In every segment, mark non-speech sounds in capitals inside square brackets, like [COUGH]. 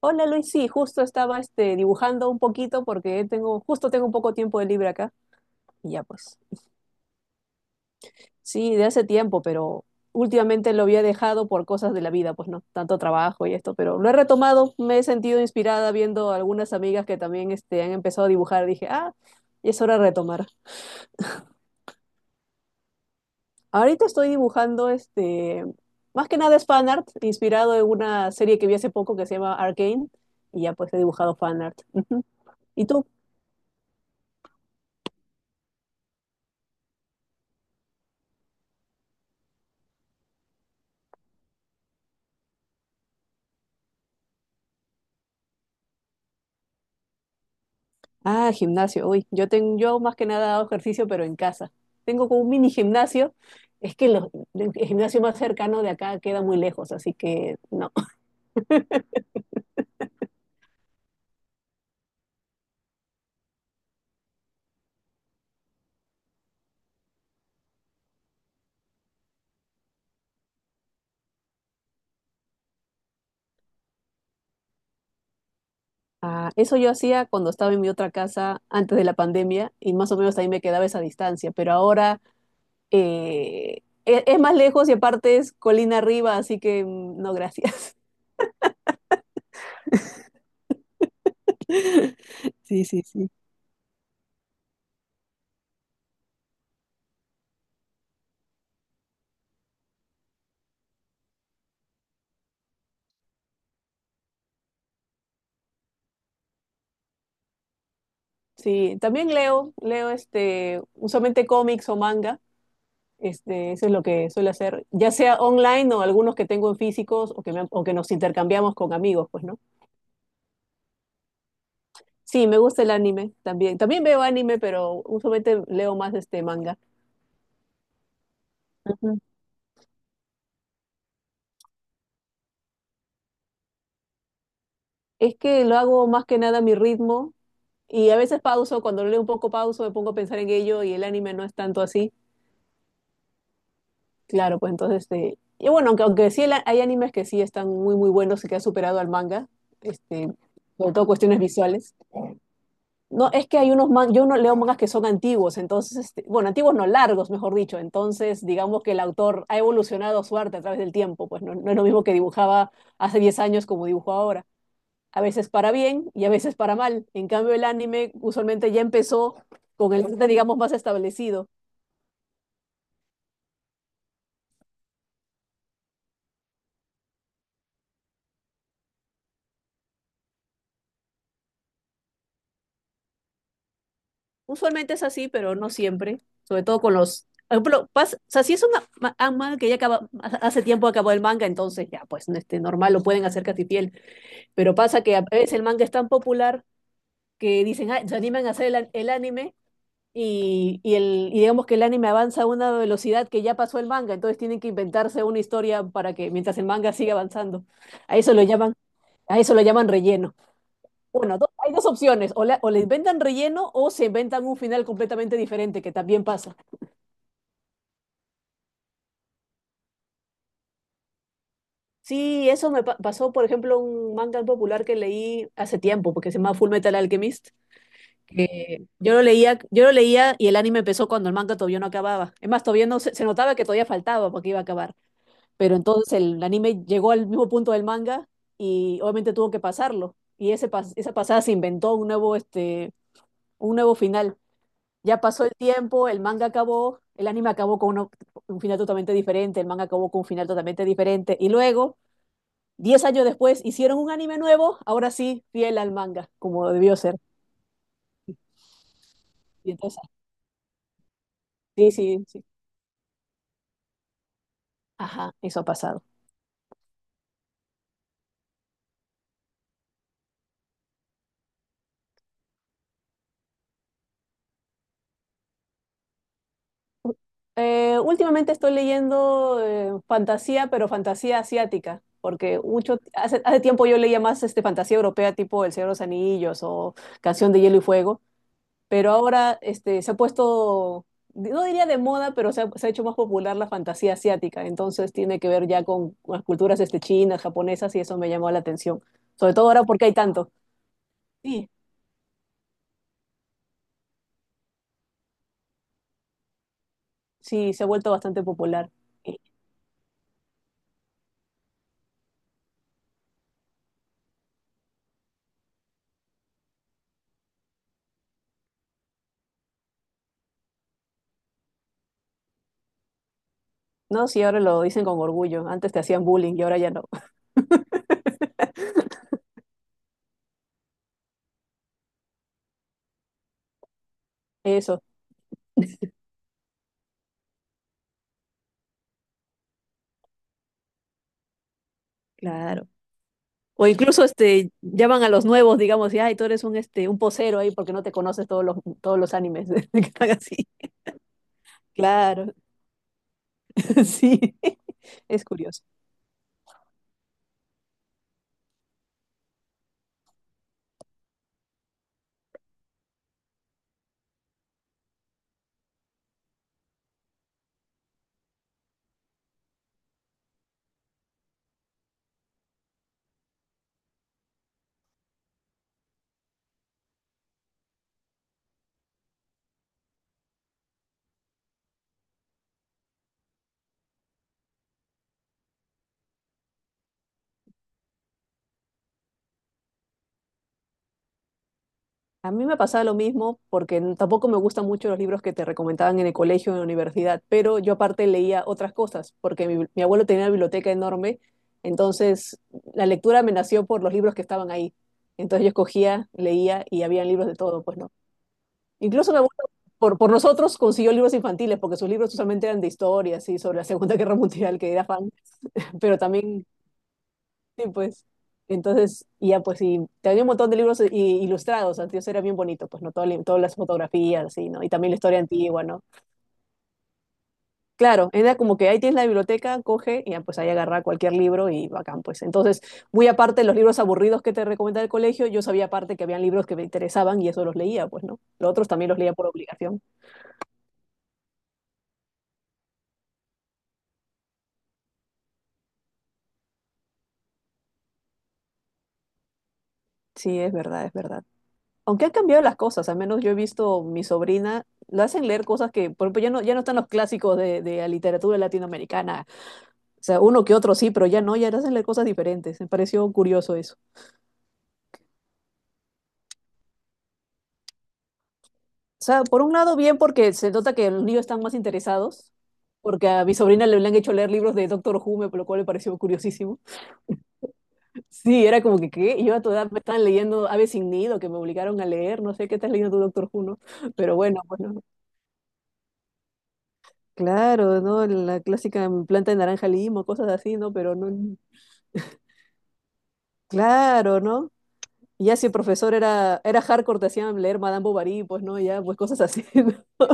Hola Luis, sí, justo estaba dibujando un poquito porque justo tengo un poco tiempo de libre acá y ya pues. Sí, de hace tiempo, pero últimamente lo había dejado por cosas de la vida, pues no, tanto trabajo y esto, pero lo he retomado, me he sentido inspirada viendo algunas amigas que también han empezado a dibujar, dije, ah, y es hora de retomar. Ahorita estoy dibujando más que nada es fanart, inspirado en una serie que vi hace poco que se llama Arcane y ya pues he dibujado fanart. Ujú. ¿Y tú? Ah, gimnasio. Uy, yo más que nada hago ejercicio, pero en casa. Tengo como un mini gimnasio. Es que el gimnasio más cercano de acá queda muy lejos, así que no. Ah, eso yo hacía cuando estaba en mi otra casa antes de la pandemia y más o menos ahí me quedaba esa distancia, pero ahora es más lejos y aparte es colina arriba, así que mm, no, gracias. [LAUGHS] Sí, sí, sí. Sí, también leo usualmente cómics o manga. Eso es lo que suelo hacer, ya sea online o algunos que tengo en físicos o que nos intercambiamos con amigos, pues, ¿no? Sí, me gusta el anime también. También veo anime, pero usualmente leo más este manga. Ujú. Es que lo hago más que nada a mi ritmo y a veces pauso, cuando leo un poco pauso, me pongo a pensar en ello y el anime no es tanto así. Claro, pues entonces, y bueno, aunque sí hay animes que sí están muy, muy buenos y que han superado al manga, este, sobre todo cuestiones visuales. No, es que hay unos mangas, yo no leo mangas que son antiguos, entonces, bueno, antiguos no, largos, mejor dicho. Entonces, digamos que el autor ha evolucionado su arte a través del tiempo, pues no, no es lo mismo que dibujaba hace 10 años como dibujo ahora. A veces para bien y a veces para mal. En cambio, el anime usualmente ya empezó con el arte, digamos, más establecido. Usualmente es así, pero no siempre, sobre todo con los. Por ejemplo, o sea, si es un manga que ya acaba, hace tiempo acabó el manga, entonces ya, pues, normal, lo pueden hacer casi fiel. Pero pasa que a veces el manga es tan popular que dicen, ah, se animan a hacer el anime y digamos que el anime avanza a una velocidad que ya pasó el manga, entonces tienen que inventarse una historia para que mientras el manga siga avanzando. A eso lo llaman, a eso lo llaman relleno. Bueno, hay dos opciones, o le inventan relleno o se inventan un final completamente diferente, que también pasa. Sí, eso me pasó, por ejemplo, un manga popular que leí hace tiempo, porque se llama Full Metal Alchemist que yo lo leía y el anime empezó cuando el manga todavía no acababa. Es más, todavía no se notaba que todavía faltaba porque iba a acabar. Pero entonces el anime llegó al mismo punto del manga y obviamente tuvo que pasarlo. Y esa pasada se inventó un nuevo final. Ya pasó el tiempo, el manga acabó, el anime acabó con un final totalmente diferente, el manga acabó con un final totalmente diferente. Y luego, 10 años después, hicieron un anime nuevo, ahora sí, fiel al manga, como debió ser. Y entonces, sí, sí, sí. Ajá, eso ha pasado. Últimamente estoy leyendo fantasía, pero fantasía asiática, porque hace tiempo yo leía más fantasía europea tipo El Señor de los Anillos o Canción de Hielo y Fuego, pero ahora se ha puesto, no diría de moda, pero se ha hecho más popular la fantasía asiática, entonces tiene que ver ya con las culturas chinas, japonesas, y eso me llamó la atención, sobre todo ahora porque hay tanto. Sí. Sí, se ha vuelto bastante popular. Eh, No, sí, ahora lo dicen con orgullo. Antes te hacían bullying y ahora ya no. [LAUGHS] Eso, claro. O incluso llaman a los nuevos, digamos, y ay, tú eres un posero ahí porque no te conoces todos los animes [LAUGHS] que están así. Claro, [LAUGHS] sí. Es curioso. A mí me pasaba lo mismo porque tampoco me gustan mucho los libros que te recomendaban en el colegio o en la universidad, pero yo aparte leía otras cosas porque mi abuelo tenía una biblioteca enorme, entonces la lectura me nació por los libros que estaban ahí. Entonces yo escogía, leía y había libros de todo, pues no. Incluso mi abuelo por nosotros consiguió libros infantiles porque sus libros usualmente eran de historia, así, sobre la Segunda Guerra Mundial, que era fan, pero también sí, pues. Entonces, y ya pues, y tenía un montón de libros ilustrados, entonces era bien bonito, pues, ¿no? Todas las fotografías, así, ¿no? Y también la historia antigua, ¿no? Claro, era como que ahí tienes la biblioteca, coge y ya pues ahí agarra cualquier libro y bacán, pues. Entonces, muy aparte de los libros aburridos que te recomendaba el colegio, yo sabía aparte que habían libros que me interesaban y eso los leía, pues, ¿no? Los otros también los leía por obligación. Sí, es verdad, es verdad. Aunque han cambiado las cosas, al menos yo he visto mi sobrina, la hacen leer cosas que, por ejemplo, ya no, ya no están los clásicos de la literatura latinoamericana. O sea, uno que otro sí, pero ya no, ya hacen cosas diferentes. Me pareció curioso eso. O sea, por un lado bien porque se nota que los niños están más interesados, porque a mi sobrina le habían hecho leer libros de Doctor Who, por lo cual me pareció curiosísimo. [LAUGHS] Sí, era como que, ¿qué? Yo a tu edad me estaban leyendo Aves sin Nido, que me obligaron a leer, no sé qué estás leyendo tu Doctor Who, ¿no? Pero bueno, bueno, claro, ¿no? La clásica planta de naranja limo, cosas así, ¿no? Pero no, claro, ¿no? Y ya si el profesor era hardcore, te hacían leer Madame Bovary, pues, ¿no? Ya, pues cosas así, [LAUGHS] ¿no?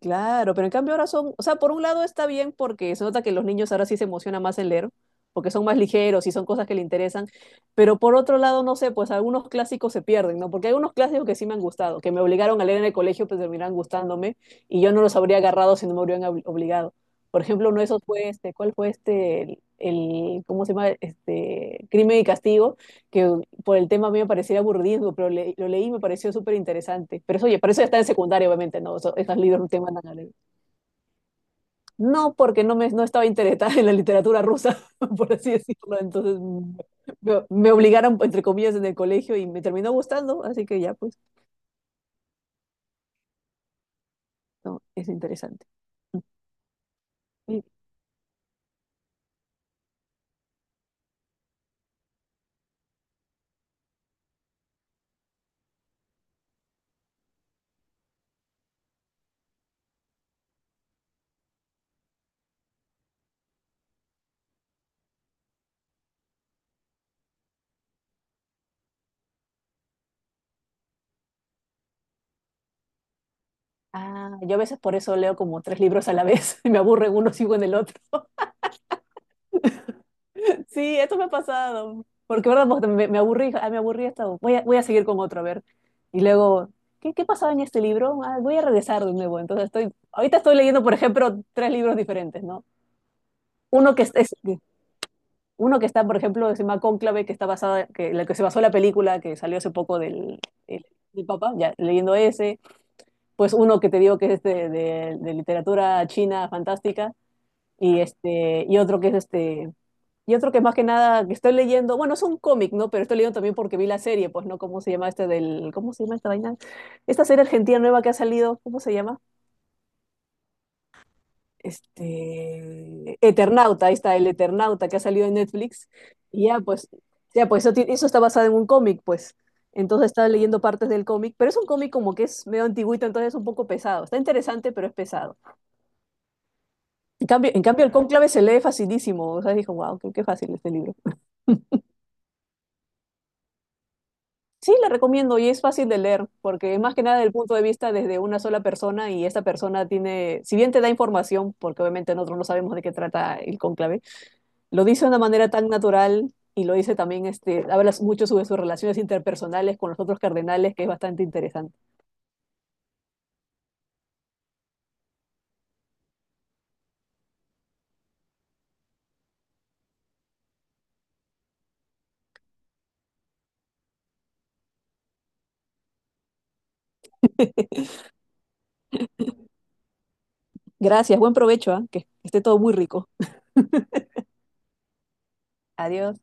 Claro, pero en cambio ahora son, o sea, por un lado está bien porque se nota que los niños ahora sí se emocionan más en leer, porque son más ligeros y son cosas que le interesan, pero por otro lado, no sé, pues algunos clásicos se pierden, ¿no? Porque hay unos clásicos que sí me han gustado, que me obligaron a leer en el colegio, pues terminaron gustándome y yo no los habría agarrado si no me hubieran obligado. Por ejemplo, uno de esos fue ¿cuál fue ¿cómo se llama? Crimen y Castigo, que por el tema a mí me parecía aburrido pero lo leí y me pareció súper interesante. Pero eso, oye, para eso ya está en secundaria, obviamente, ¿no? Eso, esas libros no te mandan a leer. No, porque no, no estaba interesada en la literatura rusa, [LAUGHS] por así decirlo. Entonces me obligaron, entre comillas, en el colegio y me terminó gustando, así que ya, pues, no, es interesante. Y- ah, yo a veces por eso leo como tres libros a la vez, [LAUGHS] me aburre uno, sigo en el otro. Sí, esto me ha pasado. Porque, ¿verdad? Pues, me aburrí, ah, me aburrí hasta. Voy a seguir con otro, a ver. Y luego, ¿qué pasaba en este libro? Ah, voy a regresar de nuevo. Entonces, ahorita estoy leyendo, por ejemplo, tres libros diferentes, ¿no? Uno que es, es- uno que está, por ejemplo, se llama Cónclave, que está basada, en la que se basó la película que salió hace poco del, el- del Papa, ya leyendo ese. Pues uno que te digo que es de literatura china fantástica. Y otro que es este. Y otro que más que nada que estoy leyendo, bueno, es un cómic, ¿no? Pero estoy leyendo también porque vi la serie, pues, ¿no? ¿Cómo se llama este del, ¿cómo se llama esta vaina? Esta serie argentina nueva que ha salido, ¿cómo se llama? Eternauta, ahí está, el Eternauta que ha salido en Netflix. Y ya, pues, eso, eso está basado en un cómic, pues. Entonces estaba leyendo partes del cómic, pero es un cómic como que es medio antiguito, entonces es un poco pesado. Está interesante, pero es pesado. En cambio, el Cónclave se lee facilísimo, o sea, dijo, wow, qué, fácil este libro. Sí, la recomiendo y es fácil de leer porque es más que nada del punto de vista desde una sola persona y esa persona tiene, si bien te da información, porque obviamente nosotros no sabemos de qué trata el cónclave, lo dice de una manera tan natural y lo dice también, habla mucho sobre sus relaciones interpersonales con los otros cardenales, que es bastante interesante. [LAUGHS] Gracias, buen provecho, ¿ah? Que esté todo muy rico. Adiós.